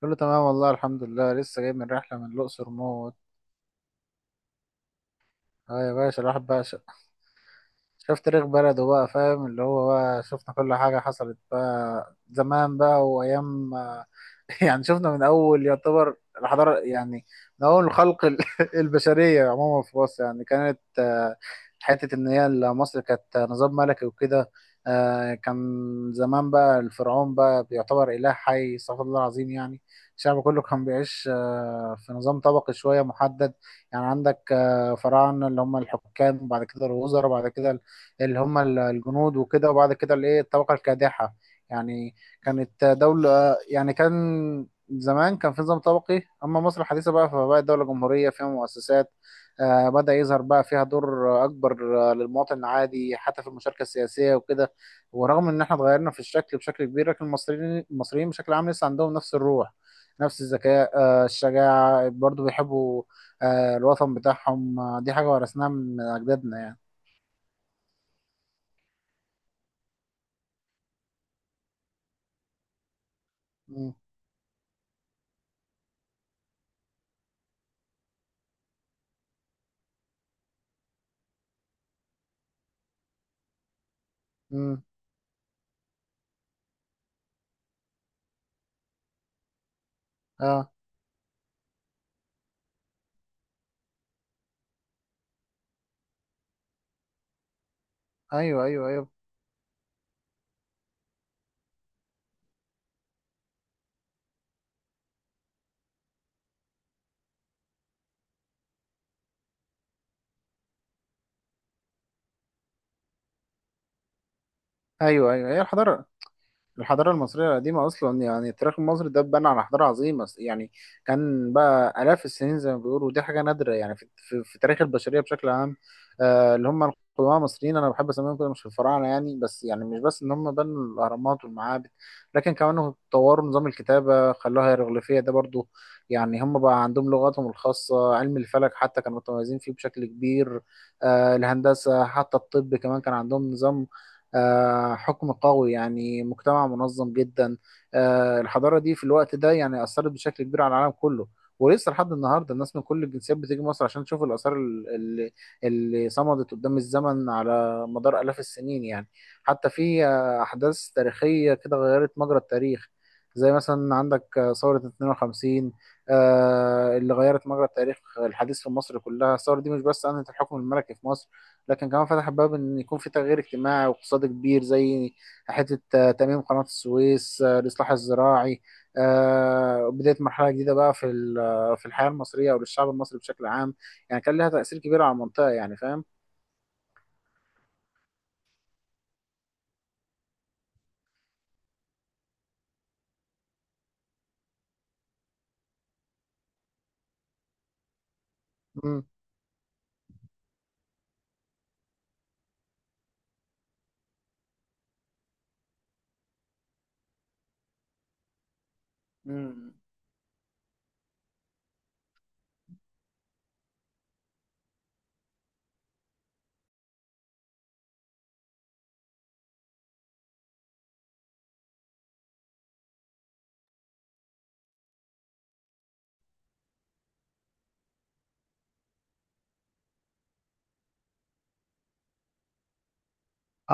كله تمام والله الحمد لله لسه جاي من رحلة من الأقصر موت. اه يا باشا الواحد بقى شفت تاريخ بلده بقى فاهم اللي هو بقى شفنا كل حاجة حصلت بقى زمان بقى وأيام. يعني شفنا من أول يعتبر الحضارة يعني من أول خلق البشرية عموما في مصر يعني كانت، حتة إن هي مصر كانت نظام ملكي وكده. كان زمان بقى الفرعون بقى بيعتبر إله حي استغفر الله العظيم يعني الشعب كله كان بيعيش، في نظام طبقي شوية محدد. يعني عندك، فراعنة اللي هم الحكام وبعد كده الوزراء وبعد كده اللي هم الجنود وكده وبعد كده الايه الطبقة الكادحة يعني. كانت دولة يعني كان زمان كان في نظام طبقي، أما مصر الحديثة بقى فبقت دولة جمهورية فيها مؤسسات. بدأ يظهر بقى فيها دور أكبر، للمواطن العادي حتى في المشاركة السياسية وكده. ورغم إن إحنا اتغيرنا في الشكل بشكل كبير لكن المصريين بشكل عام لسه عندهم نفس الروح نفس الذكاء، الشجاعة برضو بيحبوا، الوطن بتاعهم. دي حاجة ورثناها من أجدادنا يعني. مم. مم. اه. ايوه، ايوه، ايوه، ايوه، ايوه، ايوه، هي الحضارة المصرية القديمة أصلا يعني التاريخ المصري ده اتبنى على حضارة عظيمة يعني. كان بقى آلاف السنين زي ما بيقولوا ودي حاجة نادرة يعني في تاريخ البشرية بشكل عام. اللي هم القدماء المصريين أنا بحب أسميهم كده مش الفراعنة يعني بس يعني مش بس إن هم بنوا الأهرامات والمعابد لكن كمان طوروا نظام الكتابة خلوها هيروغليفية ده برضو يعني هم بقى عندهم لغاتهم الخاصة علم الفلك حتى كانوا متميزين فيه بشكل كبير. الهندسة حتى الطب كمان كان عندهم نظام، حكم قوي يعني مجتمع منظم جدا. الحضارة دي في الوقت ده يعني أثرت بشكل كبير على العالم كله. ولسه لحد النهارده الناس من كل الجنسيات بتيجي مصر عشان تشوف الآثار اللي صمدت قدام الزمن على مدار آلاف السنين يعني. حتى في، أحداث تاريخية كده غيرت مجرى التاريخ، زي مثلا عندك، ثورة 52 ، اللي غيرت مجرى التاريخ الحديث في مصر كلها. الثورة دي مش بس أنهت الحكم الملكي في مصر لكن كمان فتح باب ان يكون في تغيير اجتماعي واقتصادي كبير زي حته، تاميم قناه السويس، الاصلاح الزراعي. بدايه مرحله جديده بقى في ال- آه، في الحياه المصريه او للشعب المصري بشكل عام، يعني كان لها تاثير كبير على المنطقه يعني فاهم. مم. مم.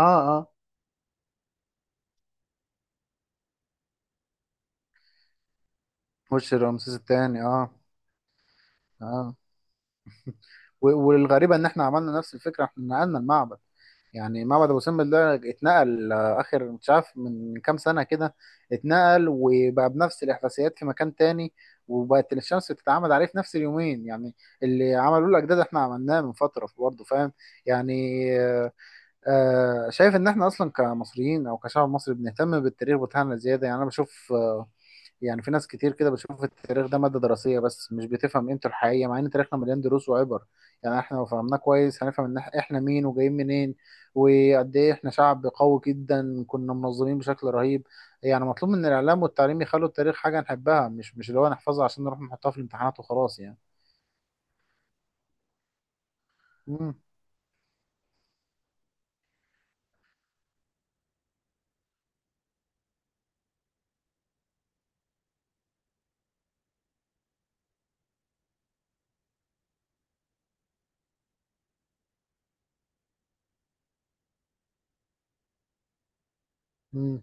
اه اه وش رمسيس الثاني اه. اه، والغريبه ان احنا عملنا نفس الفكره احنا نقلنا المعبد، يعني معبد ابو سمبل ده اتنقل، اخر مش عارف من كام سنه كده اتنقل وبقى بنفس الاحداثيات في مكان تاني وبقت الشمس بتتعمد عليه في نفس اليومين يعني. اللي عملوه الاجداد احنا عملناه من فتره برضه فاهم يعني. شايف ان احنا اصلا كمصريين او كشعب مصري بنهتم بالتاريخ بتاعنا زياده يعني انا بشوف، يعني في ناس كتير كده بتشوف التاريخ ده ماده دراسيه بس مش بتفهم قيمته الحقيقيه مع ان تاريخنا مليان دروس وعبر يعني. احنا لو فهمناه كويس هنفهم ان احنا مين وجايين منين وقد ايه احنا شعب قوي جدا كنا منظمين بشكل رهيب. يعني مطلوب من الاعلام والتعليم يخلوا التاريخ حاجه نحبها مش اللي هو نحفظها عشان نروح نحطها في الامتحانات وخلاص يعني. امم. امم.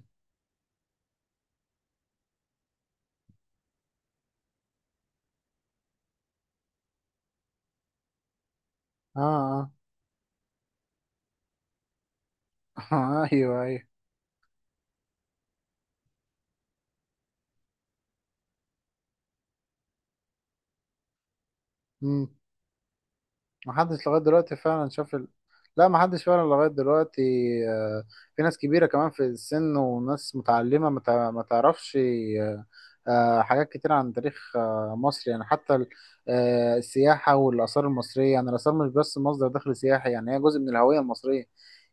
اه اه. ايوه. ايوه محدش لغاية دلوقتي فعلا شاف لا محدش فعلا لغاية دلوقتي. آه، في ناس كبيرة كمان في السن وناس متعلمة ما تعرفش، حاجات كتير عن تاريخ مصر يعني حتى السياحة والآثار المصرية يعني الآثار مش بس مصدر دخل سياحي يعني هي جزء من الهوية المصرية.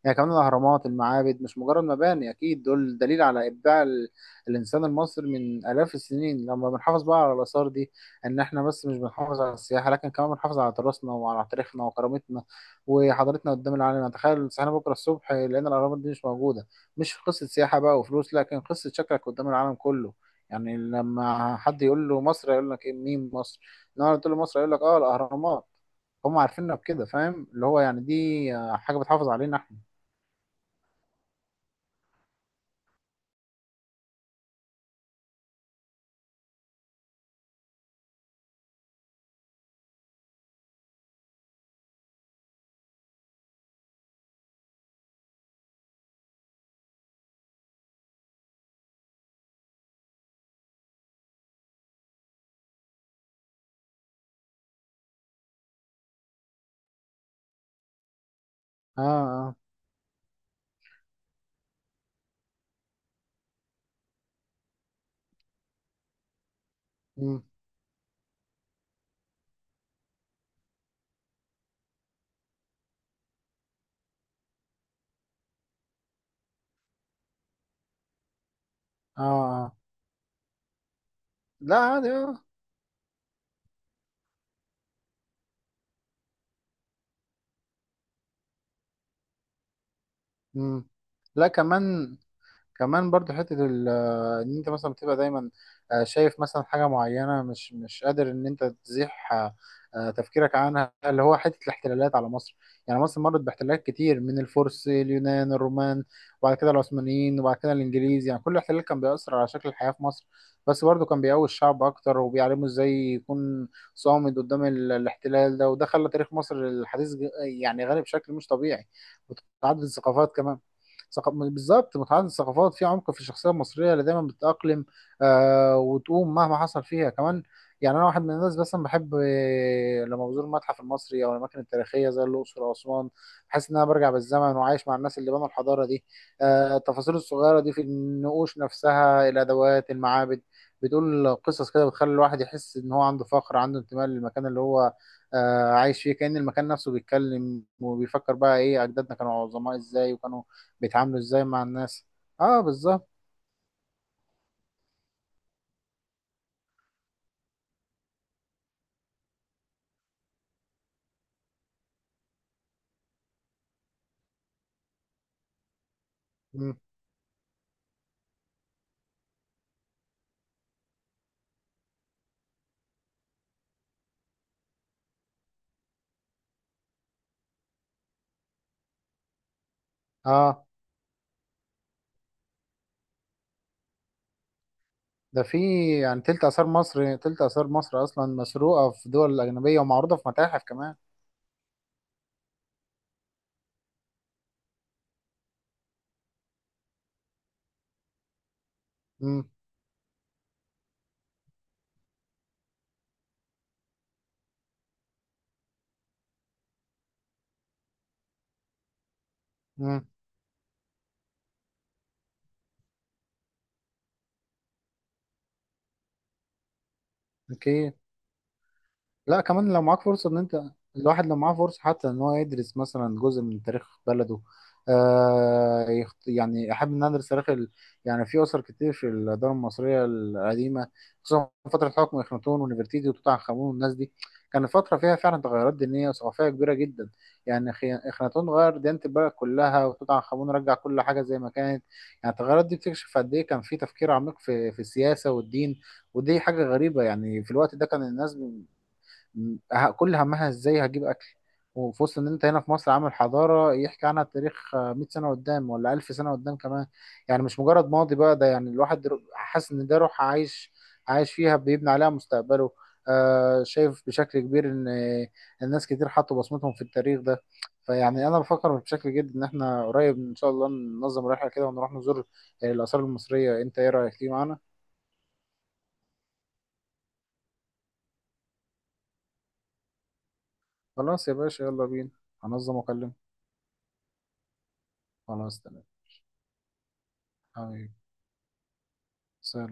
يعني كمان الأهرامات المعابد مش مجرد مباني أكيد دول دليل على إبداع الإنسان المصري من آلاف السنين. لما بنحافظ بقى على الآثار دي ان احنا بس مش بنحافظ على السياحه لكن كمان بنحافظ على تراثنا وعلى تاريخنا وكرامتنا وحضارتنا قدام العالم. يعني تخيل صحينا بكره الصبح لقينا الاهرامات دي مش موجوده، مش قصه سياحه بقى وفلوس لكن قصه شكلك قدام العالم كله. يعني لما حد يقول له مصر يقول لك ايه مين مصر. النهارده تقول له مصر يقول لك اه الاهرامات، هم عارفيننا بكده فاهم اللي هو يعني دي، حاجه بتحافظ علينا احنا. اه اه. مم. اه. آه. لا عادي اه. مم. لا كمان. كمان برضو حتة ان انت مثلا بتبقى دايما، شايف مثلا حاجة معينة مش قادر ان انت تزيح، تفكيرك عنها اللي هو حتة الاحتلالات على مصر. يعني مصر مرت باحتلالات كتير من الفرس اليونان الرومان وبعد كده العثمانيين وبعد كده الانجليز. يعني كل احتلال كان بيأثر على شكل الحياة في مصر بس برضو كان بيقوي الشعب اكتر وبيعلمه ازاي يكون صامد قدام الاحتلال ده، وده خلى تاريخ مصر الحديث يعني غني بشكل مش طبيعي. وتعدد الثقافات كمان. بالظبط متعدد الثقافات في عمق في الشخصيه المصريه اللي دايما بتتاقلم آه وتقوم مهما حصل فيها كمان. يعني انا واحد من الناس مثلا بحب، لما بزور المتحف المصري او الاماكن التاريخيه زي الاقصر واسوان بحس ان انا برجع بالزمن وعايش مع الناس اللي بنوا الحضاره دي. التفاصيل الصغيره دي في النقوش نفسها الادوات المعابد بتقول قصص كده بتخلي الواحد يحس ان هو عنده فخر عنده انتماء للمكان اللي هو، عايش فيه كأن المكان نفسه بيتكلم وبيفكر بقى ايه اجدادنا كانوا عظماء ازاي وكانوا بيتعاملوا ازاي مع الناس. اه بالظبط. مم. اه. ده في يعني تلت آثار مصر، تلت آثار مصر أصلا مسروقة في دول أجنبية ومعروضة في متاحف كمان. مم. مم. أكيد. لا كمان لو معاك فرصة ان انت، الواحد لو معاه فرصة حتى ان هو يدرس مثلا جزء من تاريخ بلده يعني احب ان أنا ادرس تاريخ يعني في اسر كتير في الدولة المصرية القديمة خصوصا في فترة حكم اخناتون ونفرتيتي وتوت عنخ امون والناس دي. كانت فترة فيها فعلا تغيرات دينية وثقافية كبيرة جدا. يعني اخناتون غير ديانة البلد كلها وتوت عنخ امون رجع كل حاجة زي ما كانت. يعني التغيرات دي بتكشف قد ايه كان في تفكير عميق في السياسة والدين. ودي حاجة غريبة يعني في الوقت ده كان الناس كل همها ازاي هجيب اكل. وفي وسط ان انت هنا في مصر عامل حضاره يحكي عنها التاريخ، 100 سنه قدام ولا 1000 سنه قدام كمان. يعني مش مجرد ماضي بقى ده يعني الواحد حاسس ان ده روح عايش عايش فيها بيبني عليها مستقبله. آه شايف بشكل كبير ان، الناس كتير حطوا بصمتهم في التاريخ ده. فيعني انا بفكر بشكل جد ان احنا قريب ان شاء الله ننظم رحله كده ونروح نزور، الاثار المصريه. انت ايه رايك تيجي معانا؟ خلاص يا باشا يلا بينا. هنظم واكلمك. خلاص تمام حبيبي. سلام.